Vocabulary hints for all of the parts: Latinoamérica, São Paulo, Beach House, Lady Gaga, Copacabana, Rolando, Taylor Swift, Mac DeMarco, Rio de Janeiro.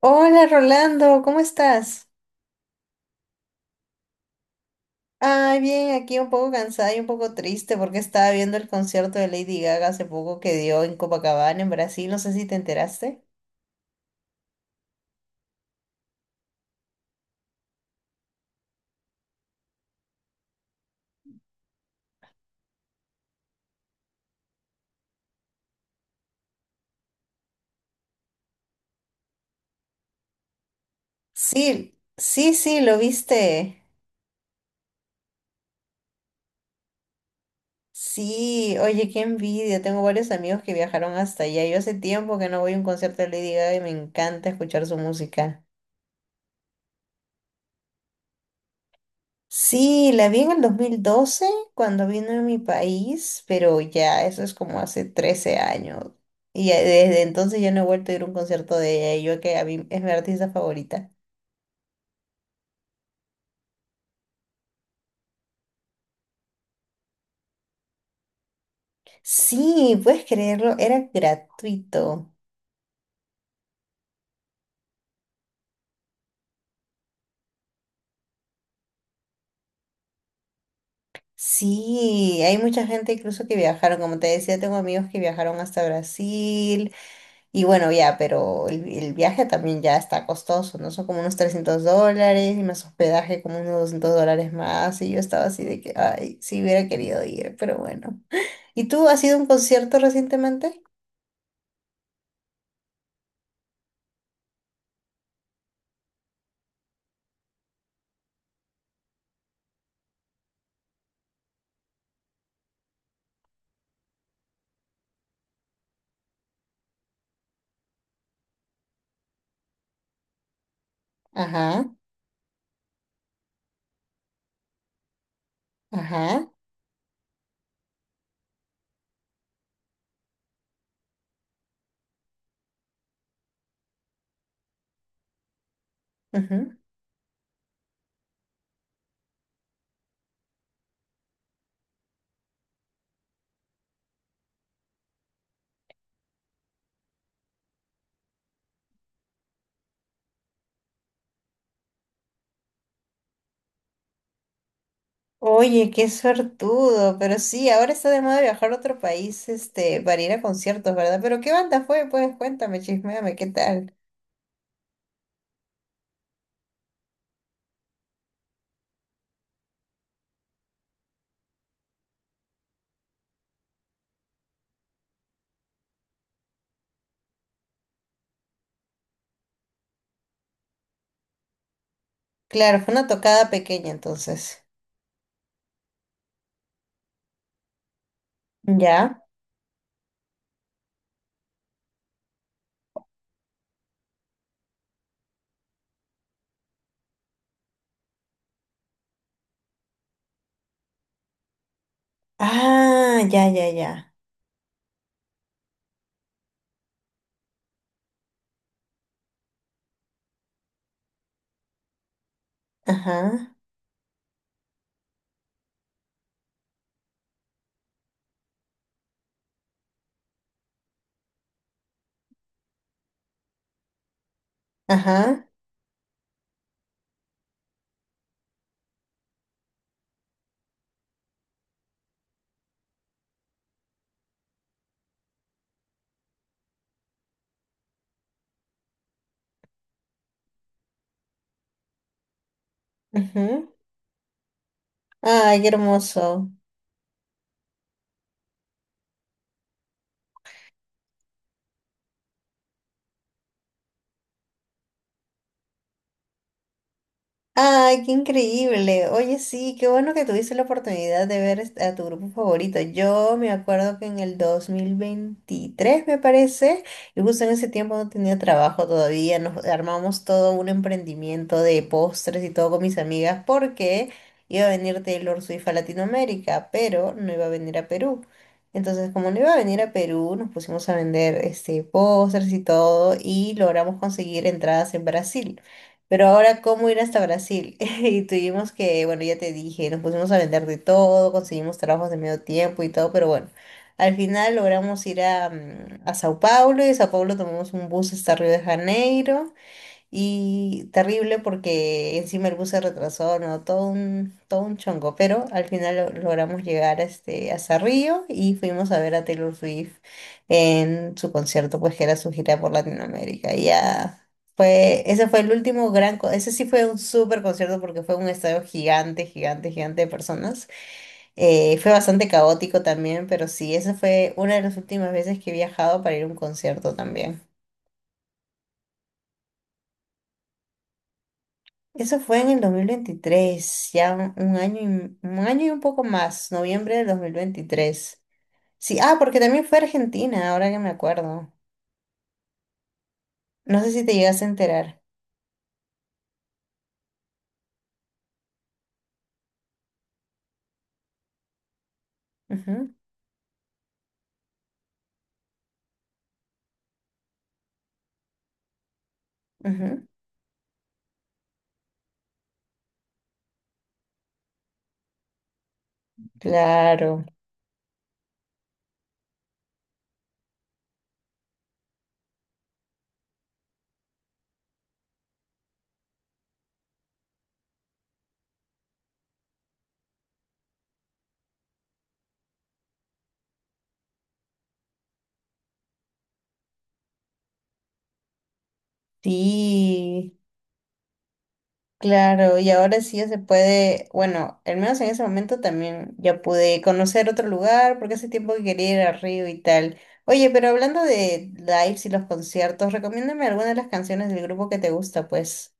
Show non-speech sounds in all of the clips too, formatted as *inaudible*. Hola Rolando, ¿cómo estás? Ay, bien, aquí un poco cansada y un poco triste porque estaba viendo el concierto de Lady Gaga hace poco que dio en Copacabana, en Brasil, no sé si te enteraste. Sí, sí, sí, lo viste. Sí, oye, qué envidia, tengo varios amigos que viajaron hasta allá. Yo hace tiempo que no voy a un concierto de Lady Gaga y me encanta escuchar su música. Sí, la vi en el 2012 cuando vino a mi país, pero ya eso es como hace 13 años. Y ya desde entonces ya no he vuelto a ir a un concierto de ella, y yo que a mí es mi artista favorita. Sí, puedes creerlo, era gratuito. Sí, hay mucha gente incluso que viajaron, como te decía, tengo amigos que viajaron hasta Brasil. Y bueno, ya, pero el viaje también ya está costoso, ¿no? Son como unos $300 y más hospedaje como unos $200 más. Y yo estaba así de que, ay, sí hubiera querido ir, pero bueno. ¿Y tú has ido a un concierto recientemente? Ajá, ajá, ujú. Oye, qué suertudo, pero sí, ahora está de moda viajar a otro país, este, para ir a conciertos, ¿verdad? Pero ¿qué banda fue? Pues cuéntame, chisméame, ¿qué tal? Claro, fue una tocada pequeña entonces. ¿Ya? Ah, ya, ya, ya. Ajá. Ajá, ujú. Ay, qué hermoso. Ay, qué increíble. Oye, sí, qué bueno que tuviste la oportunidad de ver a tu grupo favorito. Yo me acuerdo que en el 2023, me parece, y justo en ese tiempo no tenía trabajo todavía, nos armamos todo un emprendimiento de postres y todo con mis amigas porque iba a venir Taylor Swift a Latinoamérica, pero no iba a venir a Perú. Entonces, como no iba a venir a Perú, nos pusimos a vender este, postres y todo y logramos conseguir entradas en Brasil. Pero ahora, ¿cómo ir hasta Brasil? *laughs* Y tuvimos que, bueno, ya te dije, nos pusimos a vender de todo, conseguimos trabajos de medio tiempo y todo, pero bueno, al final logramos ir a, a Sao Paulo y de Sao Paulo tomamos un bus hasta Río de Janeiro. Y terrible porque encima el bus se retrasó, ¿no? Todo un chongo, pero al final logramos llegar a este, a Cerrillo y fuimos a ver a Taylor Swift en su concierto, pues que era su gira por Latinoamérica. Y ya fue, ese fue el último ese sí fue un súper concierto porque fue un estadio gigante, gigante, gigante de personas. Fue bastante caótico también, pero sí, esa fue una de las últimas veces que he viajado para ir a un concierto también. Eso fue en el 2023, ya un año y, un año y un poco más, noviembre del 2023. Sí, ah, porque también fue a Argentina, ahora que me acuerdo. No sé si te llegas a enterar. Ujú, ujú, claro, sí, claro. Y ahora sí ya se puede, bueno, al menos en ese momento también ya pude conocer otro lugar, porque hace tiempo que quería ir a Río y tal. Oye, pero hablando de lives y los conciertos, recomiéndame alguna de las canciones del grupo que te gusta, pues.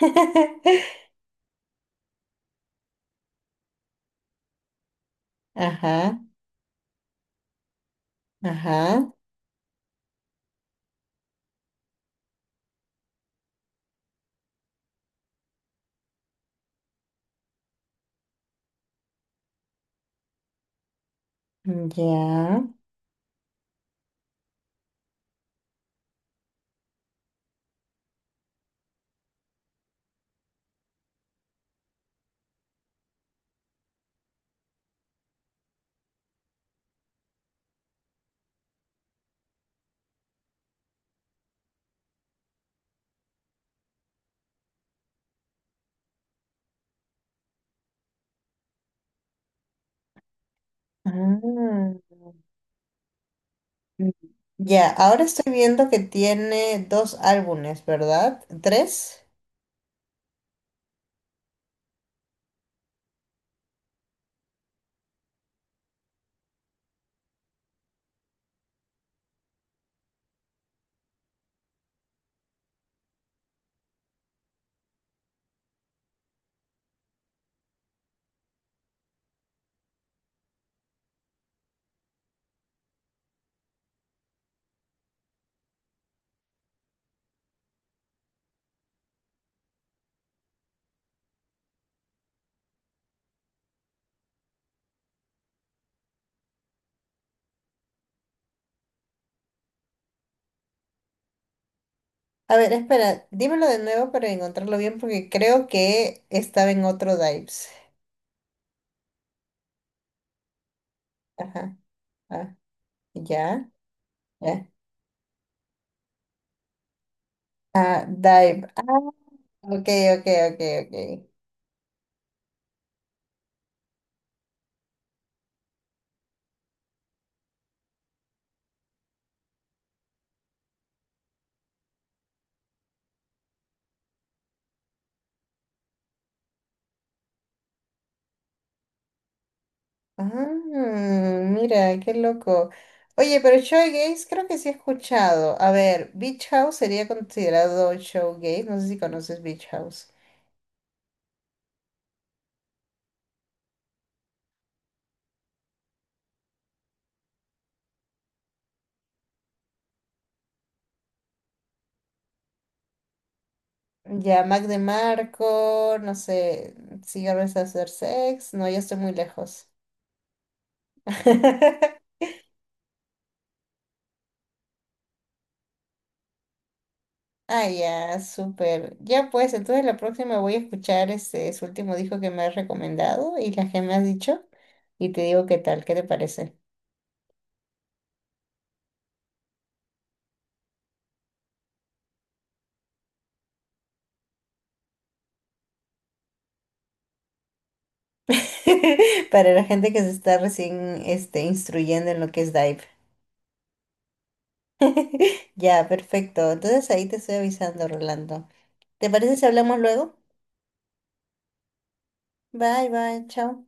*laughs* Ajá, ajá, ya. Ah, mm, ya, ahora estoy viendo que tiene dos álbumes, ¿verdad? ¿Tres? A ver, espera, dímelo de nuevo para encontrarlo bien porque creo que estaba en otro Dives. Ajá, ah, ya, ya. Ah, Dive. Ah, ok, ok, ok, ok. Ah, mira, qué loco. Oye, pero showgaze creo que sí he escuchado. A ver, Beach House sería considerado showgaze. No sé si conoces Beach House. Ya, Mac DeMarco, no sé, cigarros a hacer sex. No, ya estoy muy lejos. *laughs* Ah, ya, súper. Ya pues, entonces la próxima voy a escuchar este, su último disco que me has recomendado y las que me has dicho y te digo qué tal, qué te parece. *laughs* Para la gente que se está recién este, instruyendo en lo que es Dive. *laughs* Ya, perfecto. Entonces ahí te estoy avisando, Rolando. ¿Te parece si hablamos luego? Bye, bye, chao.